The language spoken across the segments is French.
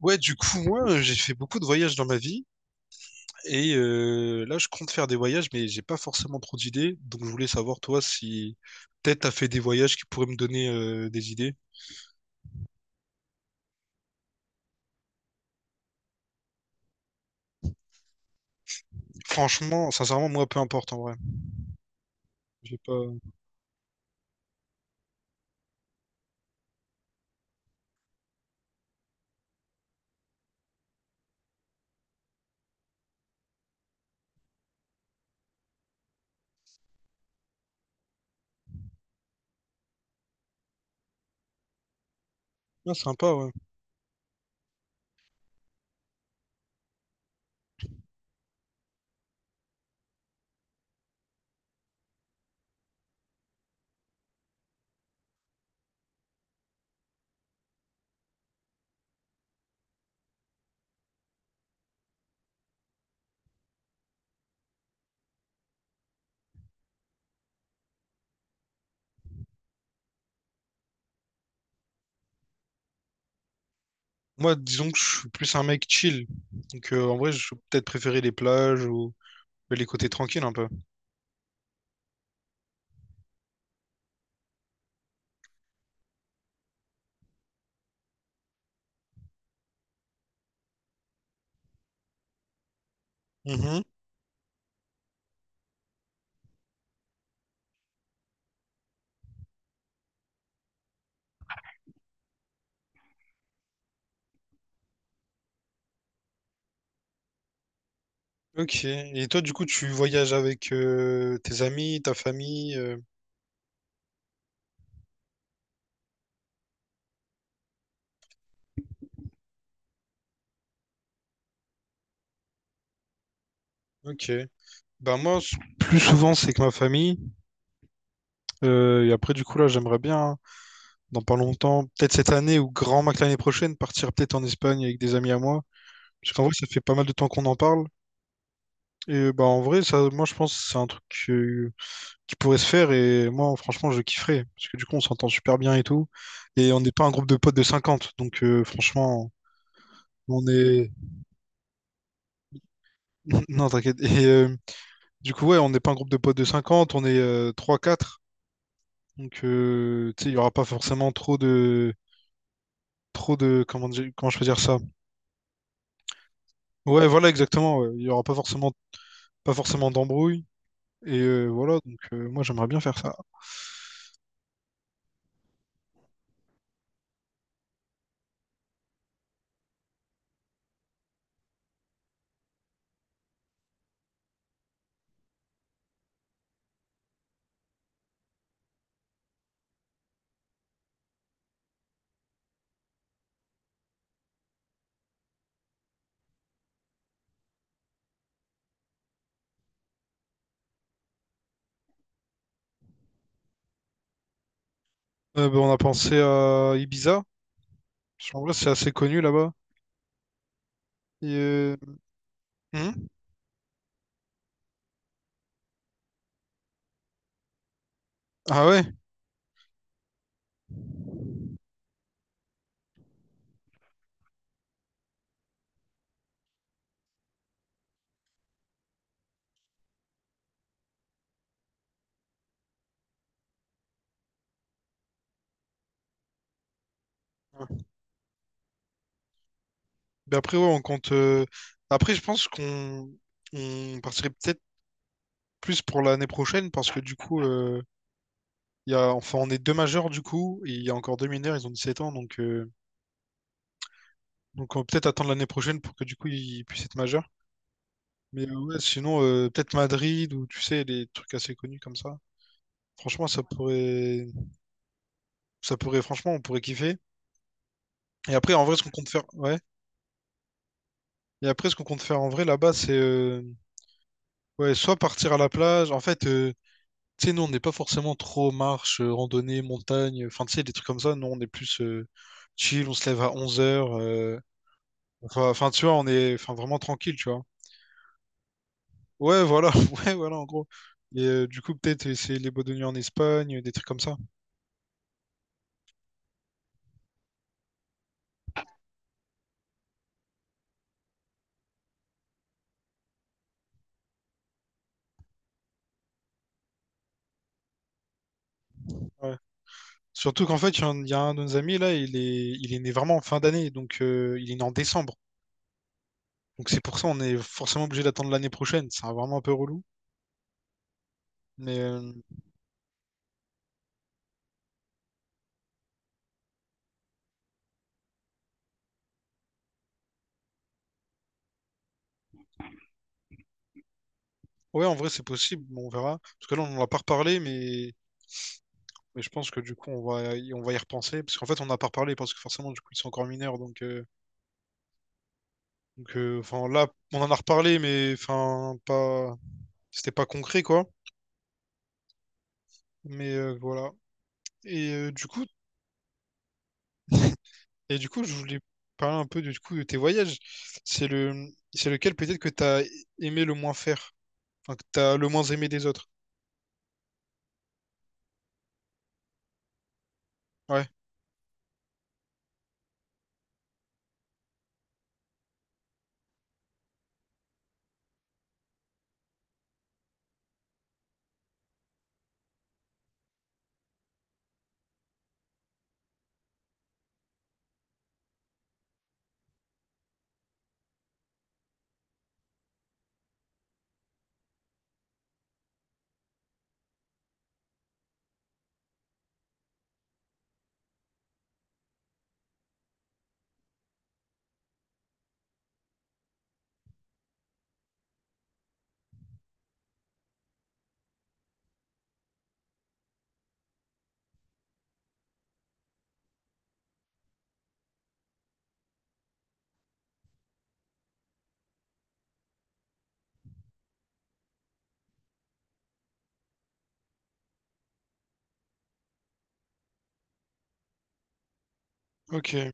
Ouais, du coup, moi, j'ai fait beaucoup de voyages dans ma vie et là, je compte faire des voyages, mais j'ai pas forcément trop d'idées. Donc, je voulais savoir, toi, si peut-être t'as fait des voyages qui pourraient me donner des idées. Franchement, sincèrement, moi, peu importe en vrai. J'ai pas. Ah, sympa, ouais. Moi, disons que je suis plus un mec chill. Donc, en vrai, je vais peut-être préférer les plages ou les côtés tranquilles un peu. Mhm. Ok. Et toi, du coup, tu voyages avec tes amis, ta famille. Ok. Ben moi, plus souvent, c'est que ma famille. Et après, du coup, là, j'aimerais bien, hein, dans pas longtemps, peut-être cette année ou grand max l'année prochaine, partir peut-être en Espagne avec des amis à moi. Parce qu'en vrai, ça fait pas mal de temps qu'on en parle. Et bah, en vrai, ça, moi, je pense que c'est un truc euh, qui pourrait se faire. Et moi, franchement, je kifferais. Parce que du coup, on s'entend super bien et tout. Et on n'est pas un groupe de potes de 50. Donc, franchement, on est... Non, t'inquiète. Et du coup, ouais, on n'est pas un groupe de potes de 50. On est trois quatre. Donc, tu sais, il y aura pas forcément trop de comment je peux dire ça? Ouais, voilà, exactement, ouais. Il y aura pas forcément d'embrouille et voilà. Donc moi, j'aimerais bien faire ça. Ben, on a pensé à Ibiza. Parce vrai c'est assez connu là-bas. Et, hmm ah ouais. Ben après, ouais, on compte. Après, je pense qu'on on partirait peut-être plus pour l'année prochaine, parce que du coup, il y a, enfin, on est deux majeurs du coup, et il y a encore deux mineurs, ils ont 17 ans, donc on va peut-être attendre l'année prochaine pour que du coup ils puissent être majeurs. Mais ouais, sinon, peut-être Madrid, ou tu sais, les trucs assez connus comme ça. Franchement, ça pourrait, franchement, on pourrait kiffer. Et après, en vrai, ce qu'on compte faire, ouais. Et après, ce qu'on compte faire en vrai là-bas, c'est ouais, soit partir à la plage. En fait, tu sais, nous, on n'est pas forcément trop marche, randonnée, montagne. Enfin, tu sais, des trucs comme ça. Nous, on est plus chill, on se lève à 11 heures. Enfin, tu vois, on est, enfin, vraiment tranquille, tu vois. Ouais, voilà, ouais, voilà, en gros. Et du coup, peut-être essayer les boîtes de nuit en Espagne, des trucs comme ça. Ouais. Surtout qu'en fait, il y a un de nos amis là, il est né vraiment en fin d'année, donc il est né en décembre. Donc c'est pour ça on est forcément obligé d'attendre l'année prochaine. C'est vraiment un peu relou. Mais ouais, en vrai, c'est possible, mais on verra. Parce que là, on n'en a pas reparlé, mais je pense que du coup, on va y repenser. Parce qu'en fait, on n'a pas reparlé, parce que forcément, du coup, ils sont encore mineurs. Donc, enfin, là, on en a reparlé, mais enfin, pas. C'était pas concret, quoi. Mais voilà. Et, du coup, je voulais parler un peu, du coup, de tes voyages. C'est le... c'est lequel peut-être que t'as aimé le moins faire, enfin, que t'as le moins aimé des autres? Ouais, ok.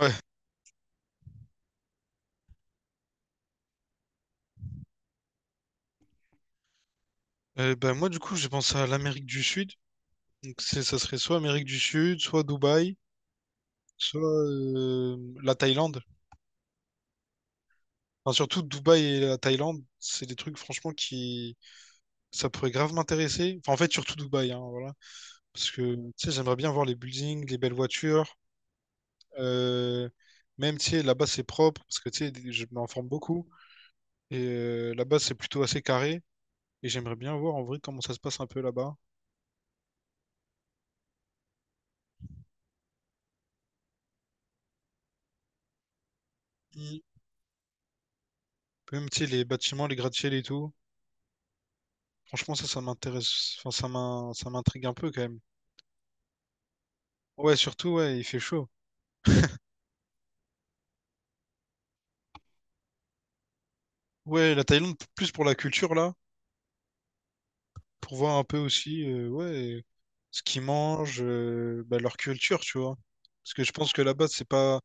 Ouais. Ben, moi, du coup, j'ai pensé à l'Amérique du Sud. Donc ça serait soit Amérique du Sud, soit Dubaï, soit la Thaïlande. Enfin, surtout Dubaï et la Thaïlande, c'est des trucs franchement qui, ça pourrait grave m'intéresser. Enfin, en fait, surtout Dubaï, hein, voilà. Parce que, tu sais, j'aimerais bien voir les buildings, les belles voitures. euh, Même, tu sais, là-bas, c'est propre, parce que, tu sais, je m'informe beaucoup. Et là-bas, c'est plutôt assez carré. Et j'aimerais bien voir, en vrai, comment ça se passe un peu là-bas. Mm. Même, tu sais, les bâtiments, les gratte-ciels et tout. Franchement, ça m'intéresse. Enfin, ça m'intrigue un peu, quand même. Ouais, surtout, ouais, il fait chaud. Ouais, la Thaïlande, plus pour la culture, là, pour voir un peu aussi, ouais, ce qu'ils mangent, bah, leur culture, tu vois. Parce que je pense que là-bas, c'est pas.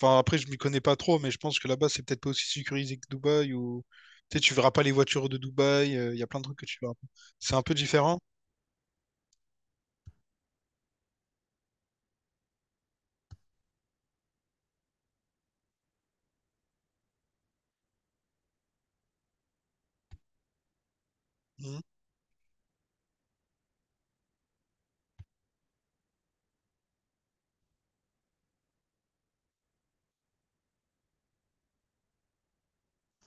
Enfin, après, je m'y connais pas trop, mais je pense que là-bas, c'est peut-être pas aussi sécurisé que Dubaï, ou. Tu sais, tu verras pas les voitures de Dubaï, il y a plein de trucs que tu verras pas. C'est un peu différent. Mhm.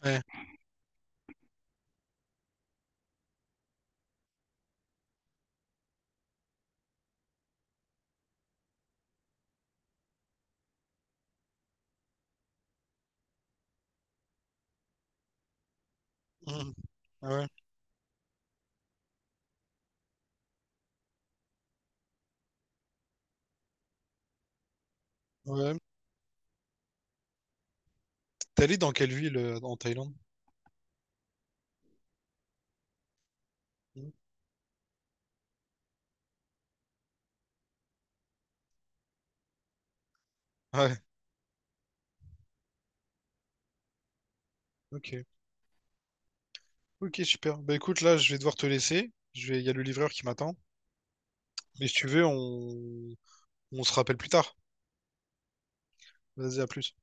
Ouais. Mhm. Ouais, ouais. T'es allé dans quelle ville en Thaïlande? Hmm. Ouais, ok. Ok, super. Bah écoute, là, je vais devoir te laisser. Je vais, il y a le livreur qui m'attend. Mais si tu veux, on se rappelle plus tard. Vas-y, à plus.